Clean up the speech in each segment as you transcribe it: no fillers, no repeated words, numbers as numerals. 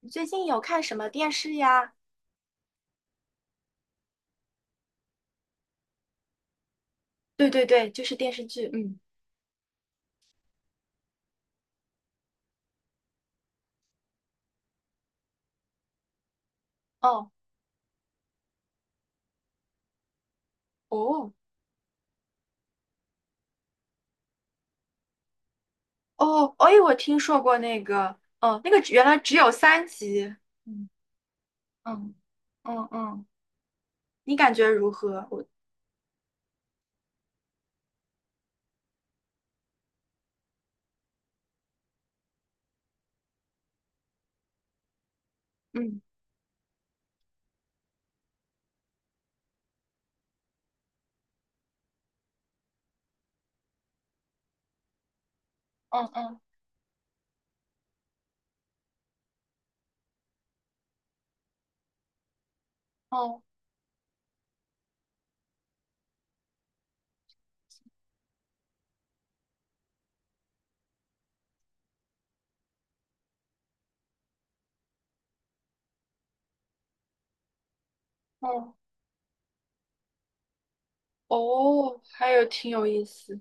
你最近有看什么电视呀？对对对，就是电视剧。嗯，哦哦哦，哎，我听说过那个，哦，那个只原来只有三集。嗯嗯嗯嗯，你感觉如何？我嗯嗯嗯哦哦哦，还有挺有意思。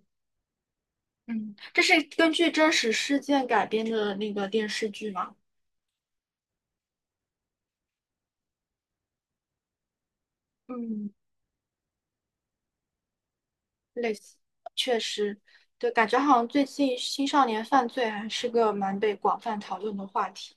嗯，这是根据真实事件改编的那个电视剧吗？嗯，类似，确实，对，感觉好像最近青少年犯罪还是个蛮被广泛讨论的话题。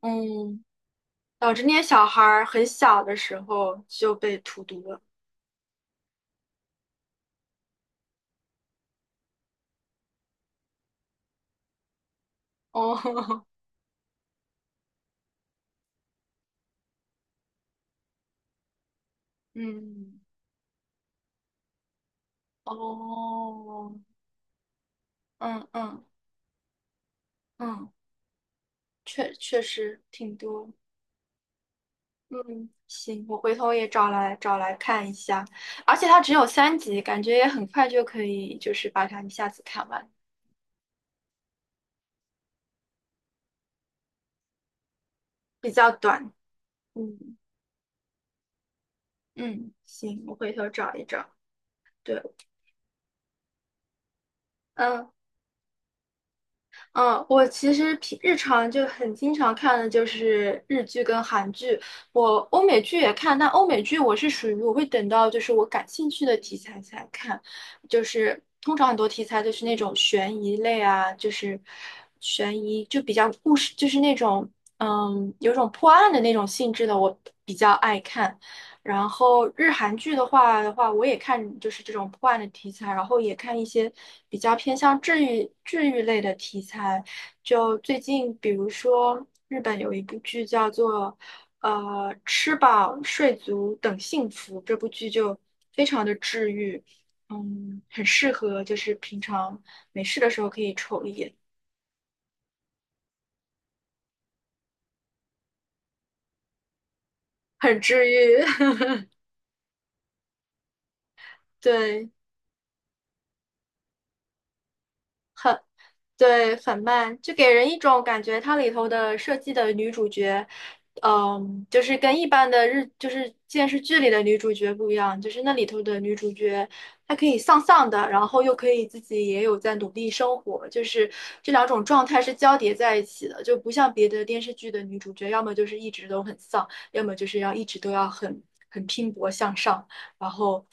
嗯，导致那些小孩儿很小的时候就被荼毒了。哦，嗯，哦，嗯嗯嗯，确确实挺多。嗯，行，我回头也找来找来看一下，而且它只有三集，感觉也很快就可以，就是把它一下子看完，比较短。嗯，嗯，行，我回头找一找。对，嗯。嗯，我其实平日常就很经常看的就是日剧跟韩剧，我欧美剧也看，但欧美剧我是属于我会等到就是我感兴趣的题材才看，就是通常很多题材都是那种悬疑类啊，就是悬疑就比较故事，就是那种嗯有种破案的那种性质的，我比较爱看。然后日韩剧的话，我也看就是这种破案的题材，然后也看一些比较偏向治愈类的题材。就最近，比如说日本有一部剧叫做“吃饱睡足等幸福"，这部剧就非常的治愈，嗯，很适合就是平常没事的时候可以瞅一眼，很治愈，对，很对，很慢，就给人一种感觉，它里头的设计的女主角，嗯，就是跟一般的日，就是电视剧里的女主角不一样，就是那里头的女主角，她可以丧丧的，然后又可以自己也有在努力生活，就是这两种状态是交叠在一起的，就不像别的电视剧的女主角，要么就是一直都很丧，要么就是要一直都要很拼搏向上。然后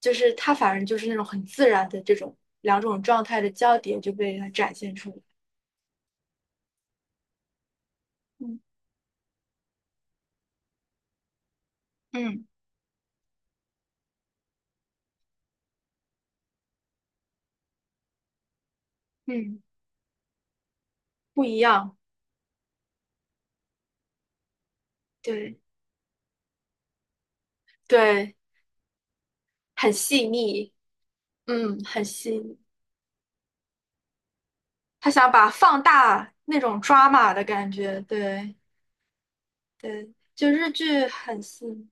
就是他反正就是那种很自然的这种两种状态的交叠就被他展现出来，嗯嗯嗯，不一样，对，对，很细腻，嗯，很细腻。他想把放大那种抓马的感觉，对对，就日剧很细腻。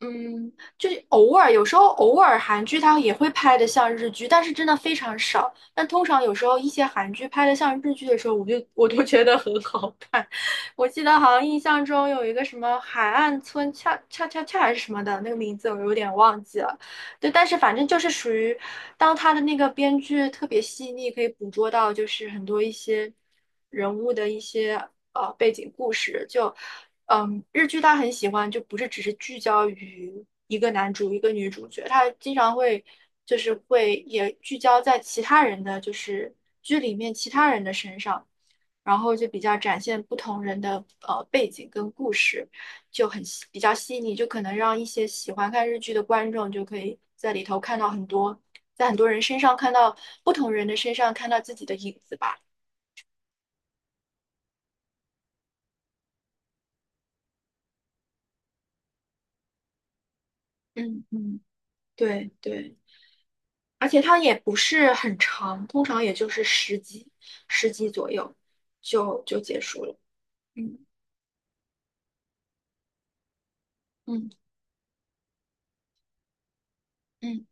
嗯，就是偶尔，有时候偶尔韩剧它也会拍的像日剧，但是真的非常少。但通常有时候一些韩剧拍的像日剧的时候，我都觉得很好看。我记得好像印象中有一个什么海岸村恰恰恰恰还是什么的那个名字，我有点忘记了。对，但是反正就是属于，当他的那个编剧特别细腻，可以捕捉到就是很多一些人物的一些背景故事。就嗯，日剧他很喜欢，就不是只是聚焦于一个男主一个女主角，他经常会就是会也聚焦在其他人的就是剧里面其他人的身上。然后就比较展现不同人的背景跟故事，就比较细腻，就可能让一些喜欢看日剧的观众就可以在里头看到很多，在很多人身上看到不同人的身上看到自己的影子吧。嗯嗯，对对，而且它也不是很长，通常也就是十集，十集左右就结束了。嗯嗯嗯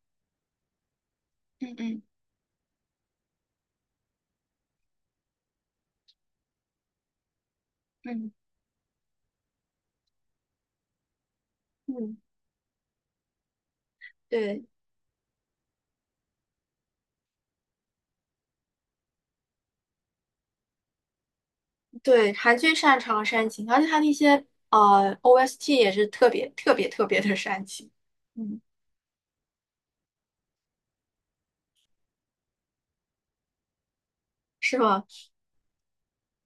嗯嗯嗯嗯，对。对，韩剧擅长煽情，而且它那些OST 也是特别特别特别的煽情，嗯，是吗？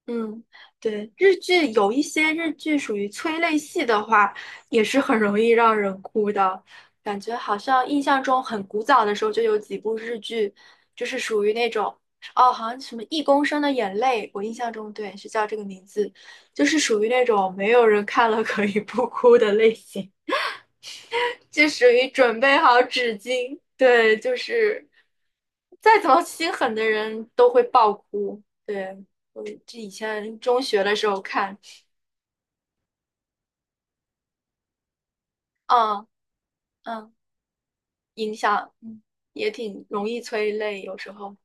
嗯，对，日剧有一些日剧属于催泪戏的话，也是很容易让人哭的，感觉好像印象中很古早的时候就有几部日剧，就是属于那种哦，好像什么《一公升的眼泪》，我印象中对是叫这个名字，就是属于那种没有人看了可以不哭的类型。就属于准备好纸巾。对，就是再怎么心狠的人都会爆哭。对，我这以前中学的时候看，嗯嗯，影响嗯也挺容易催泪，有时候。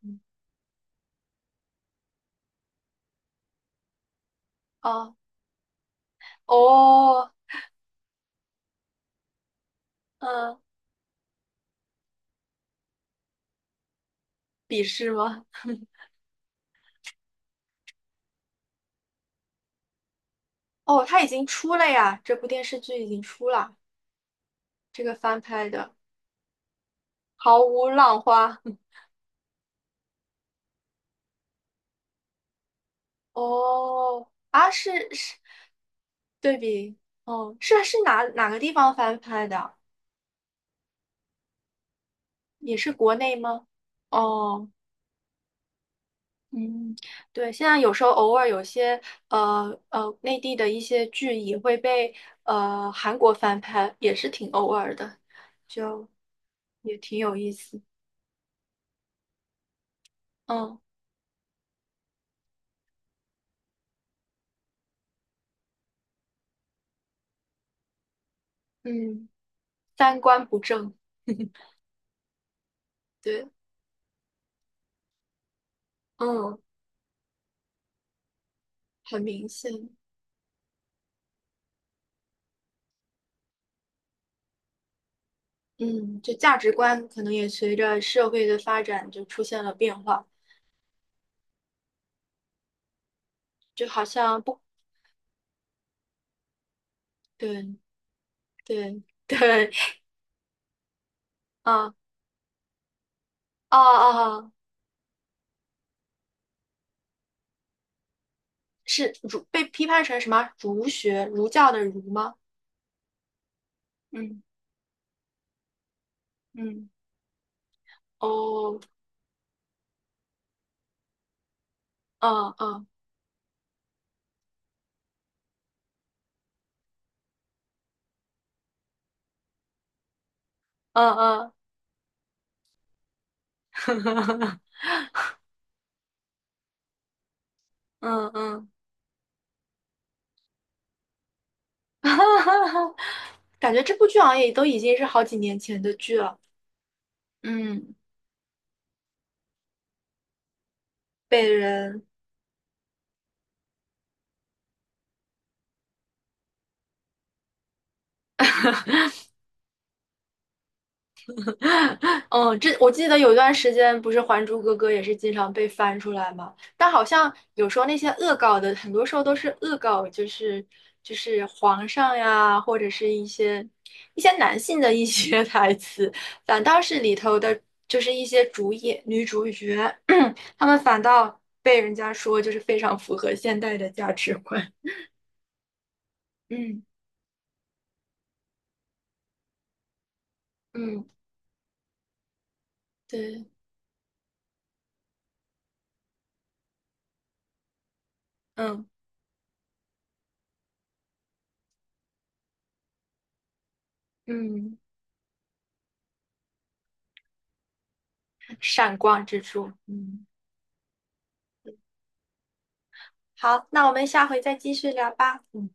哦哦，嗯，笔试吗？哦，它已经出了呀，这部电视剧已经出了，这个翻拍的《毫无浪花》。哦，啊，是是对比，哦，是是哪哪个地方翻拍的啊也是国内吗？哦，嗯，对，现在有时候偶尔有些内地的一些剧也会被韩国翻拍，也是挺偶尔的，就也挺有意思。嗯嗯，三观不正，对，嗯，很明显，嗯，就价值观可能也随着社会的发展就出现了变化，就好像不，对对对，啊啊啊。哦是儒被批判成什么儒学儒教的儒吗？嗯嗯哦，嗯嗯嗯嗯嗯嗯，嗯 感觉这部剧好像也都已经是好几年前的剧了，嗯，被人 嗯，这我记得有一段时间，不是《还珠格格》也是经常被翻出来嘛，但好像有时候那些恶搞的，很多时候都是恶搞，就是皇上呀，或者是一些男性的一些 台词，反倒是里头的，就是一些主演女主角，他们反倒被人家说就是非常符合现代的价值观。嗯嗯，对，嗯嗯，闪光之处，嗯。好，那我们下回再继续聊吧。嗯。